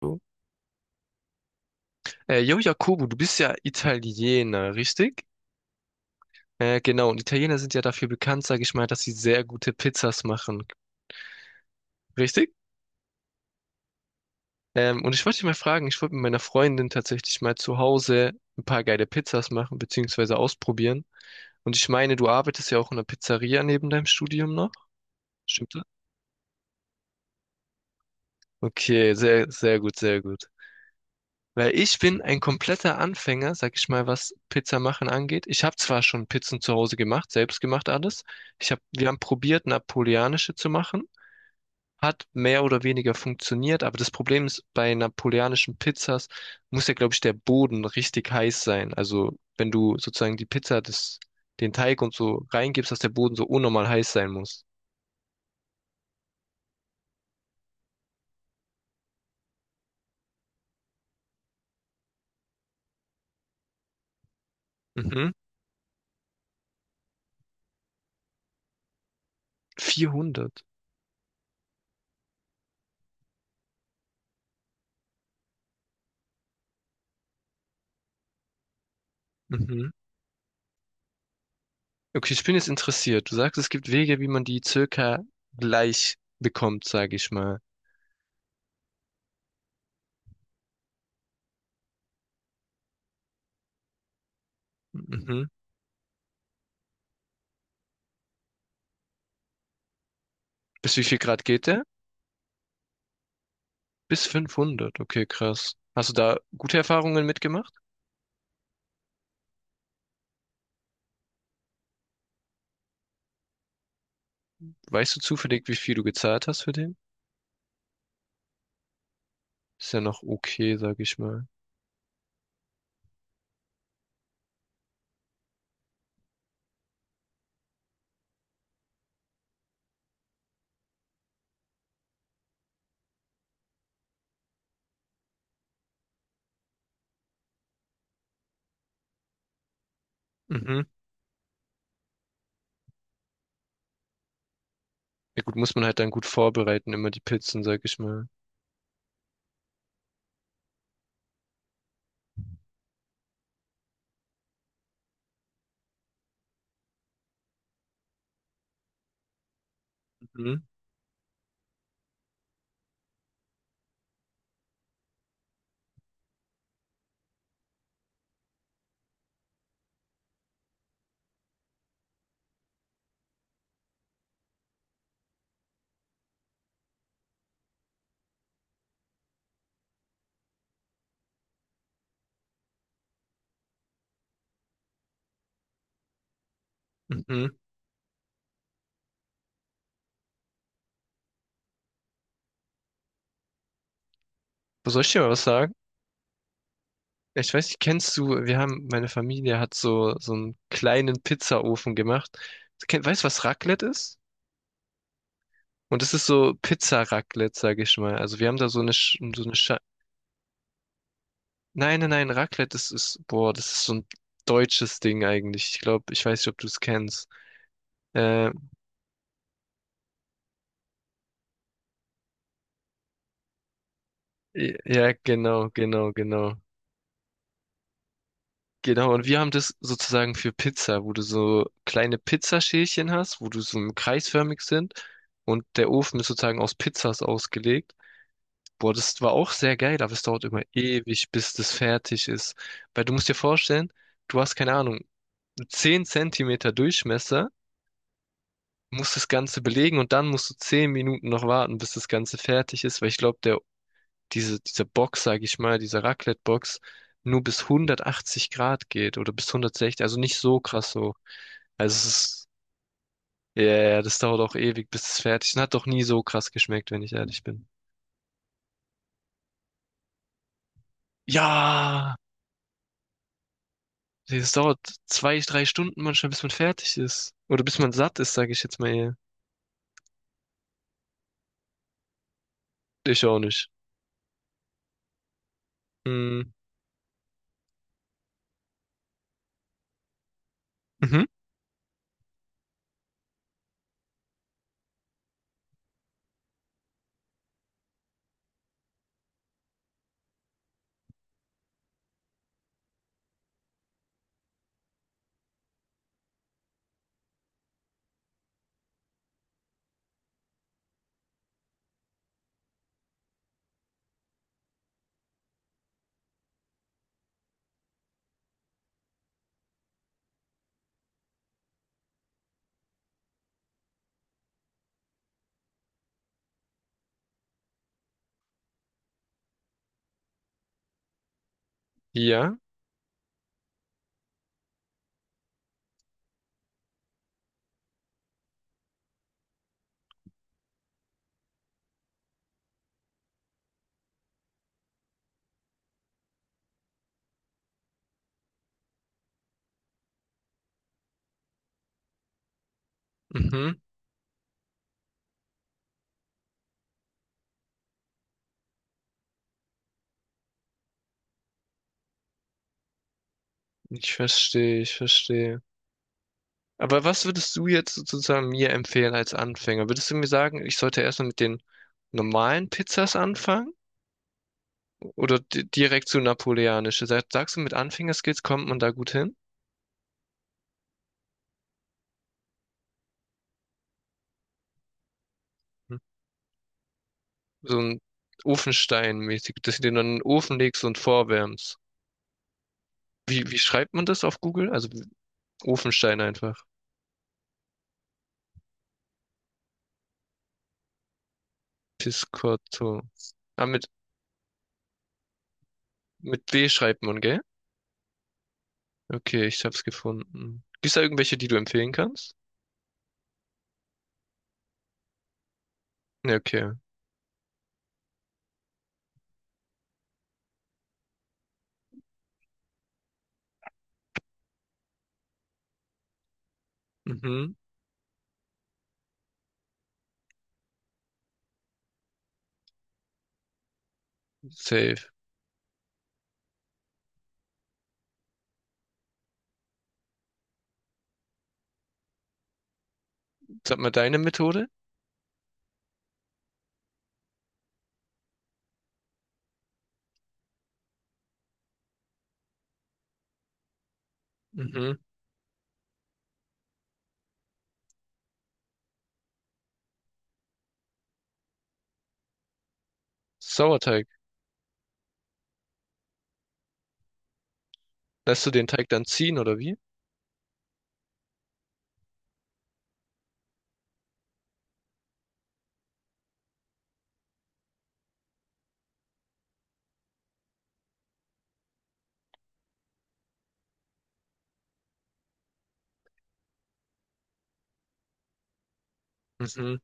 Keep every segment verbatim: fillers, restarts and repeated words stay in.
So. Äh, jo, Jakobo, du bist ja Italiener, richtig? Äh, genau, und Italiener sind ja dafür bekannt, sage ich mal, dass sie sehr gute Pizzas machen, richtig? Ähm, und ich wollte dich mal fragen, ich wollte mit meiner Freundin tatsächlich mal zu Hause ein paar geile Pizzas machen, beziehungsweise ausprobieren. Und ich meine, du arbeitest ja auch in einer Pizzeria neben deinem Studium noch, stimmt das? Okay, sehr, sehr gut, sehr gut. Weil ich bin ein kompletter Anfänger, sag ich mal, was Pizza machen angeht. Ich habe zwar schon Pizzen zu Hause gemacht, selbst gemacht alles. Ich hab, wir haben probiert, napoleonische zu machen. Hat mehr oder weniger funktioniert, aber das Problem ist, bei napoleonischen Pizzas muss ja, glaube ich, der Boden richtig heiß sein. Also wenn du sozusagen die Pizza, das, den Teig und so reingibst, dass der Boden so unnormal heiß sein muss. Mhm. vierhundert. Mhm. Okay, ich bin jetzt interessiert. Du sagst, es gibt Wege, wie man die circa gleich bekommt, sage ich mal. Mhm. Bis wie viel Grad geht der? Bis fünfhundert. Okay, krass. Hast du da gute Erfahrungen mitgemacht? Weißt du zufällig, wie viel du gezahlt hast für den? Ist ja noch okay, sage ich mal. Mhm. Ja gut, muss man halt dann gut vorbereiten, immer die Pizzen, sage ich mal. Mhm. Mhm. Aber soll ich dir mal was sagen? Ich weiß nicht, kennst du, wir haben, meine Familie hat so, so einen kleinen Pizzaofen gemacht. Kenn- Weißt du, was Raclette ist? Und es ist so Pizza-Raclette, sag ich mal. Also wir haben da so eine, Sch- so eine Sche. Nein, nein, nein, Raclette, das ist, boah, das ist so ein deutsches Ding eigentlich. Ich glaube, ich weiß nicht, ob du es kennst. Äh, ja, genau, genau, genau. Genau, und wir haben das sozusagen für Pizza, wo du so kleine Pizzaschälchen hast, wo du so kreisförmig sind und der Ofen ist sozusagen aus Pizzas ausgelegt. Boah, das war auch sehr geil, aber es dauert immer ewig, bis das fertig ist. Weil du musst dir vorstellen, du hast keine Ahnung, zehn Zentimeter Durchmesser, musst das Ganze belegen und dann musst du zehn Minuten noch warten, bis das Ganze fertig ist, weil ich glaube, der, diese, diese Box, sage ich mal, diese Raclette-Box, nur bis hundertachtzig Grad geht oder bis hundertsechzig, also nicht so krass so. Also es ist, ja, ja, ja, das dauert auch ewig, bis es fertig ist. Und hat doch nie so krass geschmeckt, wenn ich ehrlich bin. Ja, nee, das dauert zwei, drei Stunden manchmal, bis man fertig ist. Oder bis man satt ist, sage ich jetzt mal, eher. Ich auch nicht. Mm, mhm. Ja. Mhm. Ich verstehe, ich verstehe. Aber was würdest du jetzt sozusagen mir empfehlen als Anfänger? Würdest du mir sagen, ich sollte erstmal mit den normalen Pizzas anfangen? Oder di- direkt zu napoleonische? Sag- Sagst du, mit Anfängerskills kommt man da gut hin? Hm. So ein Ofenstein-mäßig, dass du den dann in den Ofen legst und vorwärmst. Wie, wie schreibt man das auf Google? Also Ofenstein einfach. Piscotto. Ah, mit, mit W schreibt man, gell? Okay, ich hab's gefunden. Gibt's da irgendwelche, die du empfehlen kannst? Ja, okay. Mhm. Safe. Sag mal deine Methode. Mhm. Sauerteig. Lässt du den Teig dann ziehen oder wie? Mhm.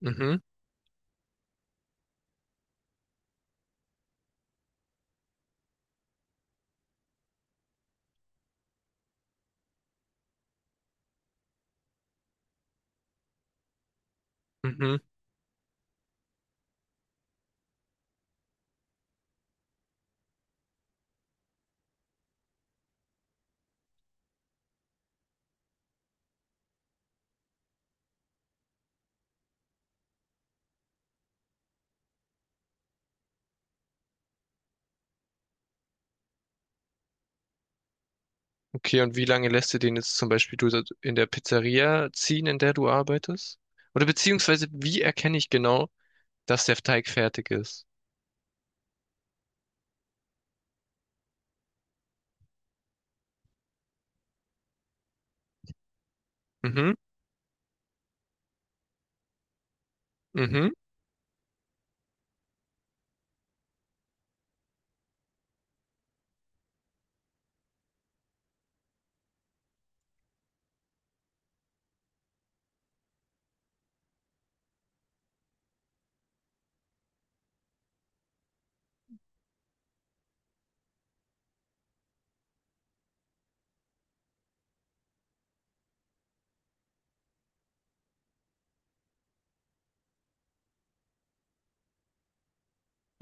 Mhm. Mhm. Okay, und wie lange lässt du den jetzt zum Beispiel du da- in der Pizzeria ziehen, in der du arbeitest? Oder beziehungsweise, wie erkenne ich genau, dass der Teig fertig ist? Mhm. Mhm.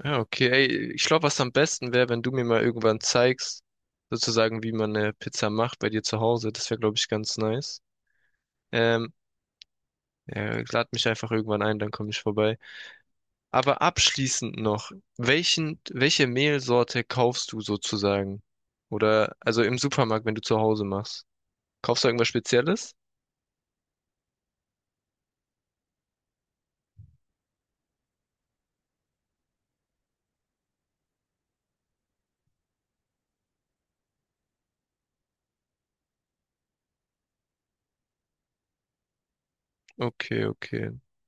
Ja, okay. Ey, ich glaube, was am besten wäre, wenn du mir mal irgendwann zeigst, sozusagen, wie man eine Pizza macht bei dir zu Hause. Das wäre, glaube ich, ganz nice. Ähm, ja, lad mich einfach irgendwann ein, dann komme ich vorbei. Aber abschließend noch, welchen, welche Mehlsorte kaufst du sozusagen? Oder also im Supermarkt, wenn du zu Hause machst? Kaufst du irgendwas Spezielles? Okay, okay.